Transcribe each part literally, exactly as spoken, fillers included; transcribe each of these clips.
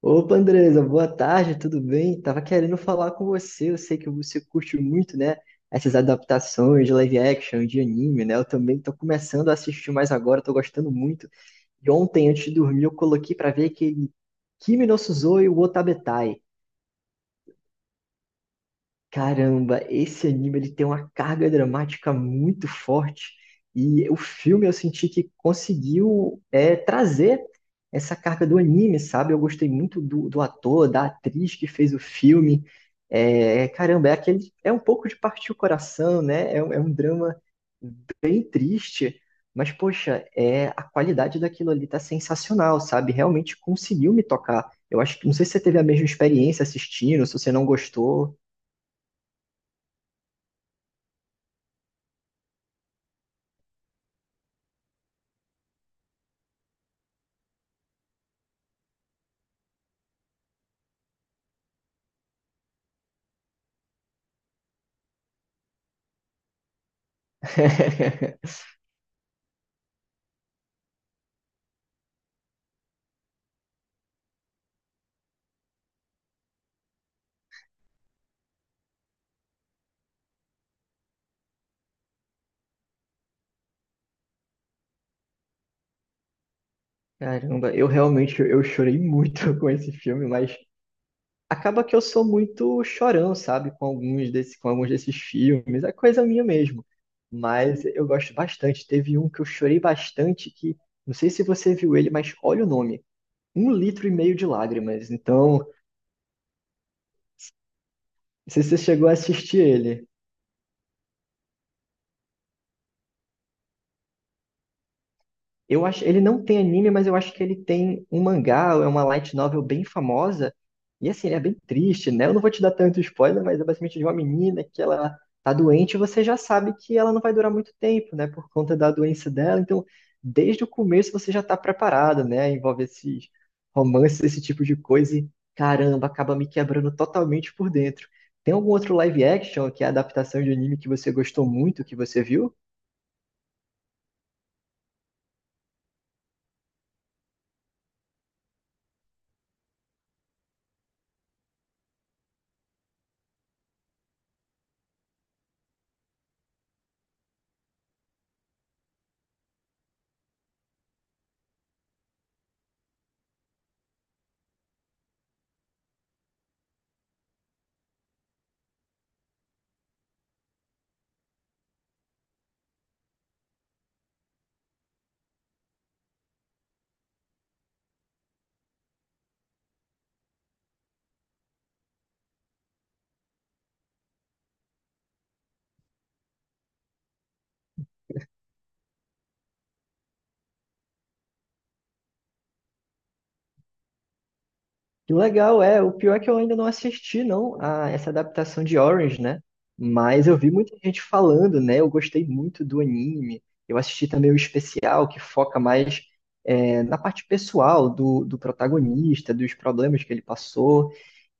Opa, Andresa, boa tarde, tudo bem? Tava querendo falar com você. Eu sei que você curte muito, né? Essas adaptações de live action, de anime, né? Eu também tô começando a assistir mais agora, tô gostando muito. E ontem, antes de dormir, eu coloquei pra ver aquele Kimi no Suzoi Wotabetai. Caramba, esse anime ele tem uma carga dramática muito forte e o filme eu senti que conseguiu é, trazer essa carga do anime, sabe? Eu gostei muito do, do ator, da atriz que fez o filme. É, caramba, é aquele, é um pouco de partir o coração, né? É, um- é um drama bem triste, mas poxa, é a qualidade daquilo ali tá sensacional, sabe? Realmente conseguiu me tocar. Eu acho que não sei se você teve a mesma experiência assistindo, se você não gostou. Caramba, eu realmente eu chorei muito com esse filme, mas acaba que eu sou muito chorão, sabe, com alguns desse, com alguns desses filmes, é coisa minha mesmo. Mas eu gosto bastante. Teve um que eu chorei bastante que não sei se você viu ele, mas olha o nome, um litro e meio de lágrimas. Então, não sei se você chegou a assistir ele. Eu acho, ele não tem anime, mas eu acho que ele tem um mangá, é uma light novel bem famosa. E assim, ele é bem triste, né? Eu não vou te dar tanto spoiler, mas é basicamente de uma menina que ela tá doente, e você já sabe que ela não vai durar muito tempo, né? Por conta da doença dela. Então, desde o começo você já tá preparado, né? Envolve esses romances, esse tipo de coisa, e caramba, acaba me quebrando totalmente por dentro. Tem algum outro live action, que é a adaptação de anime que você gostou muito, que você viu? Que legal, é. O pior é que eu ainda não assisti, não, a essa adaptação de Orange, né? Mas eu vi muita gente falando, né? Eu gostei muito do anime. Eu assisti também o especial, que foca mais é, na parte pessoal do, do protagonista, dos problemas que ele passou.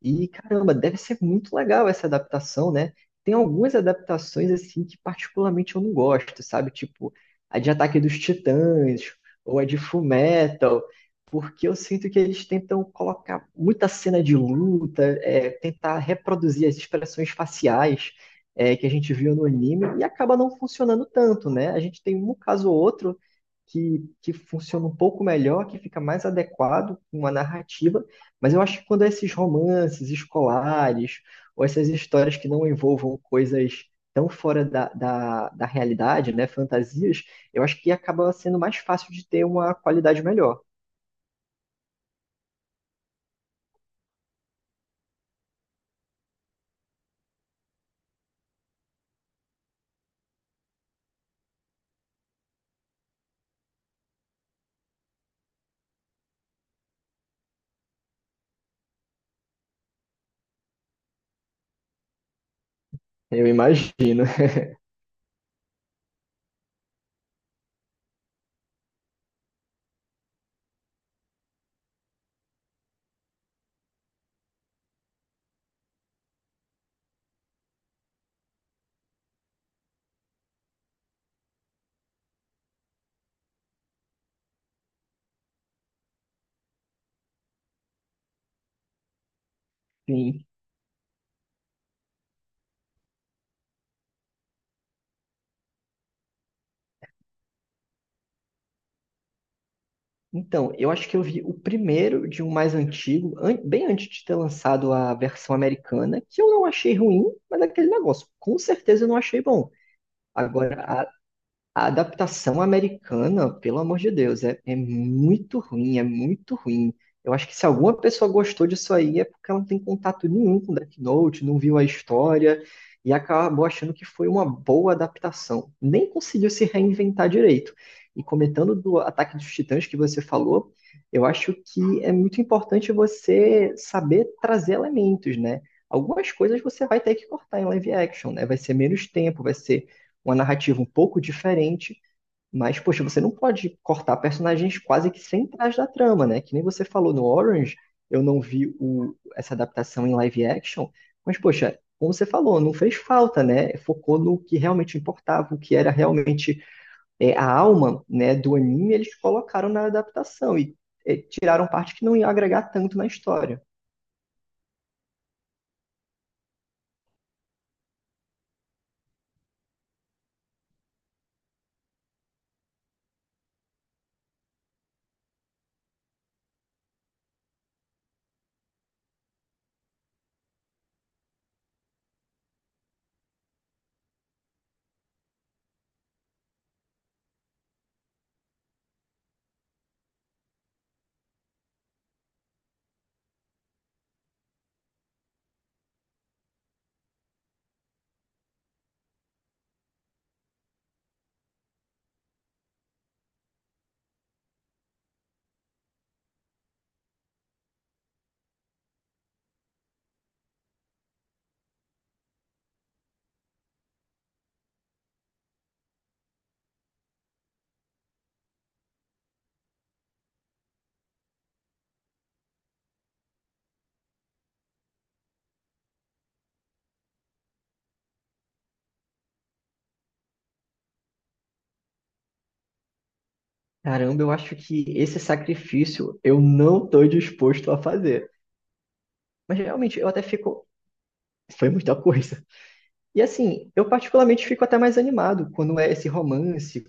E caramba, deve ser muito legal essa adaptação, né? Tem algumas adaptações assim que particularmente eu não gosto, sabe? Tipo a de Ataque dos Titãs ou a de Fullmetal, porque eu sinto que eles tentam colocar muita cena de luta, é, tentar reproduzir as expressões faciais é, que a gente viu no anime e acaba não funcionando tanto, né? A gente tem um caso ou outro que, que funciona um pouco melhor, que fica mais adequado com uma narrativa, mas eu acho que quando esses romances escolares, ou essas histórias que não envolvam coisas tão fora da, da, da realidade, né, fantasias, eu acho que acaba sendo mais fácil de ter uma qualidade melhor. Eu imagino. Sim. Então, eu acho que eu vi o primeiro de um mais antigo, an- bem antes de ter lançado a versão americana, que eu não achei ruim, mas é aquele negócio, com certeza eu não achei bom. Agora, a adaptação americana, pelo amor de Deus, é, é muito ruim, é muito ruim. Eu acho que se alguma pessoa gostou disso aí é porque ela não tem contato nenhum com Death Note, não viu a história e acabou achando que foi uma boa adaptação. Nem conseguiu se reinventar direito. E comentando do Ataque dos Titãs que você falou, eu acho que é muito importante você saber trazer elementos, né? Algumas coisas você vai ter que cortar em live action, né? Vai ser menos tempo, vai ser uma narrativa um pouco diferente, mas, poxa, você não pode cortar personagens quase que sem trás da trama, né? Que nem você falou no Orange, eu não vi o, essa adaptação em live action, mas, poxa, como você falou, não fez falta, né? Focou no que realmente importava, o que era realmente é, a alma né, do anime, eles colocaram na adaptação e é, tiraram parte que não ia agregar tanto na história. Caramba, eu acho que esse sacrifício eu não estou disposto a fazer. Mas realmente, eu até fico, foi muita coisa. E assim, eu particularmente fico até mais animado quando é esse romance,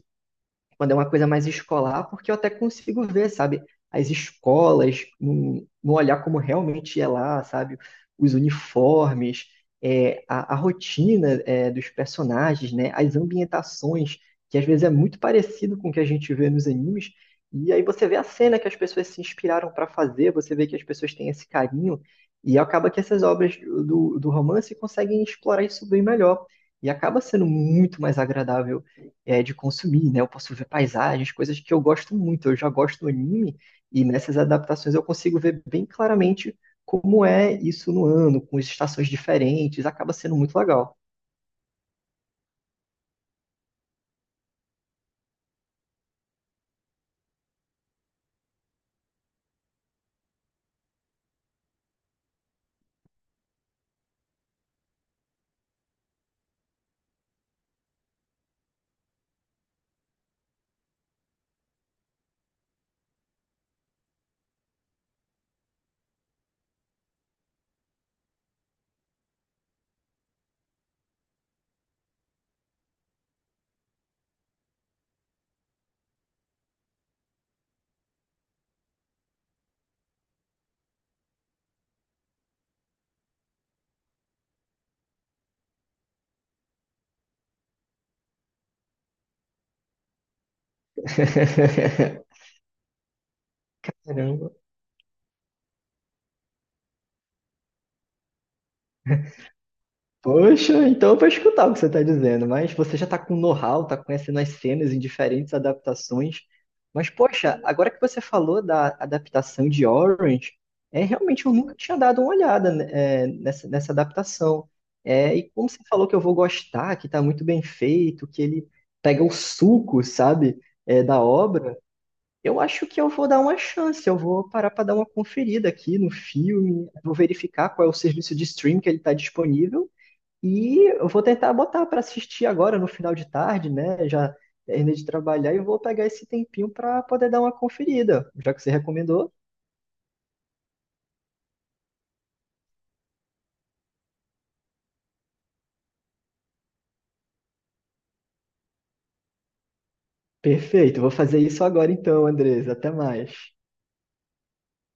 quando é uma coisa mais escolar, porque eu até consigo ver, sabe, as escolas, no, no olhar como realmente é lá, sabe, os uniformes, é, a, a rotina, é, dos personagens, né, as ambientações, que às vezes é muito parecido com o que a gente vê nos animes, e aí você vê a cena que as pessoas se inspiraram para fazer, você vê que as pessoas têm esse carinho, e acaba que essas obras do, do romance conseguem explorar isso bem melhor. E acaba sendo muito mais agradável é, de consumir, né? Eu posso ver paisagens, coisas que eu gosto muito. Eu já gosto do anime e nessas adaptações eu consigo ver bem claramente como é isso no ano, com as estações diferentes. Acaba sendo muito legal. Poxa, então eu vou escutar o que você está dizendo, mas você já está com know-how, está conhecendo as cenas em diferentes adaptações. Mas, poxa, agora que você falou da adaptação de Orange, é realmente eu nunca tinha dado uma olhada, né, é, nessa, nessa adaptação. É, e como você falou que eu vou gostar, que está muito bem feito, que ele pega o suco, sabe, é, da obra, eu acho que eu vou dar uma chance, eu vou parar para dar uma conferida aqui no filme, vou verificar qual é o serviço de stream que ele está disponível. E eu vou tentar botar para assistir agora no final de tarde, né? Já terminei de trabalhar e vou pegar esse tempinho para poder dar uma conferida. Já que você recomendou, perfeito. Vou fazer isso agora então, Andres. Até mais.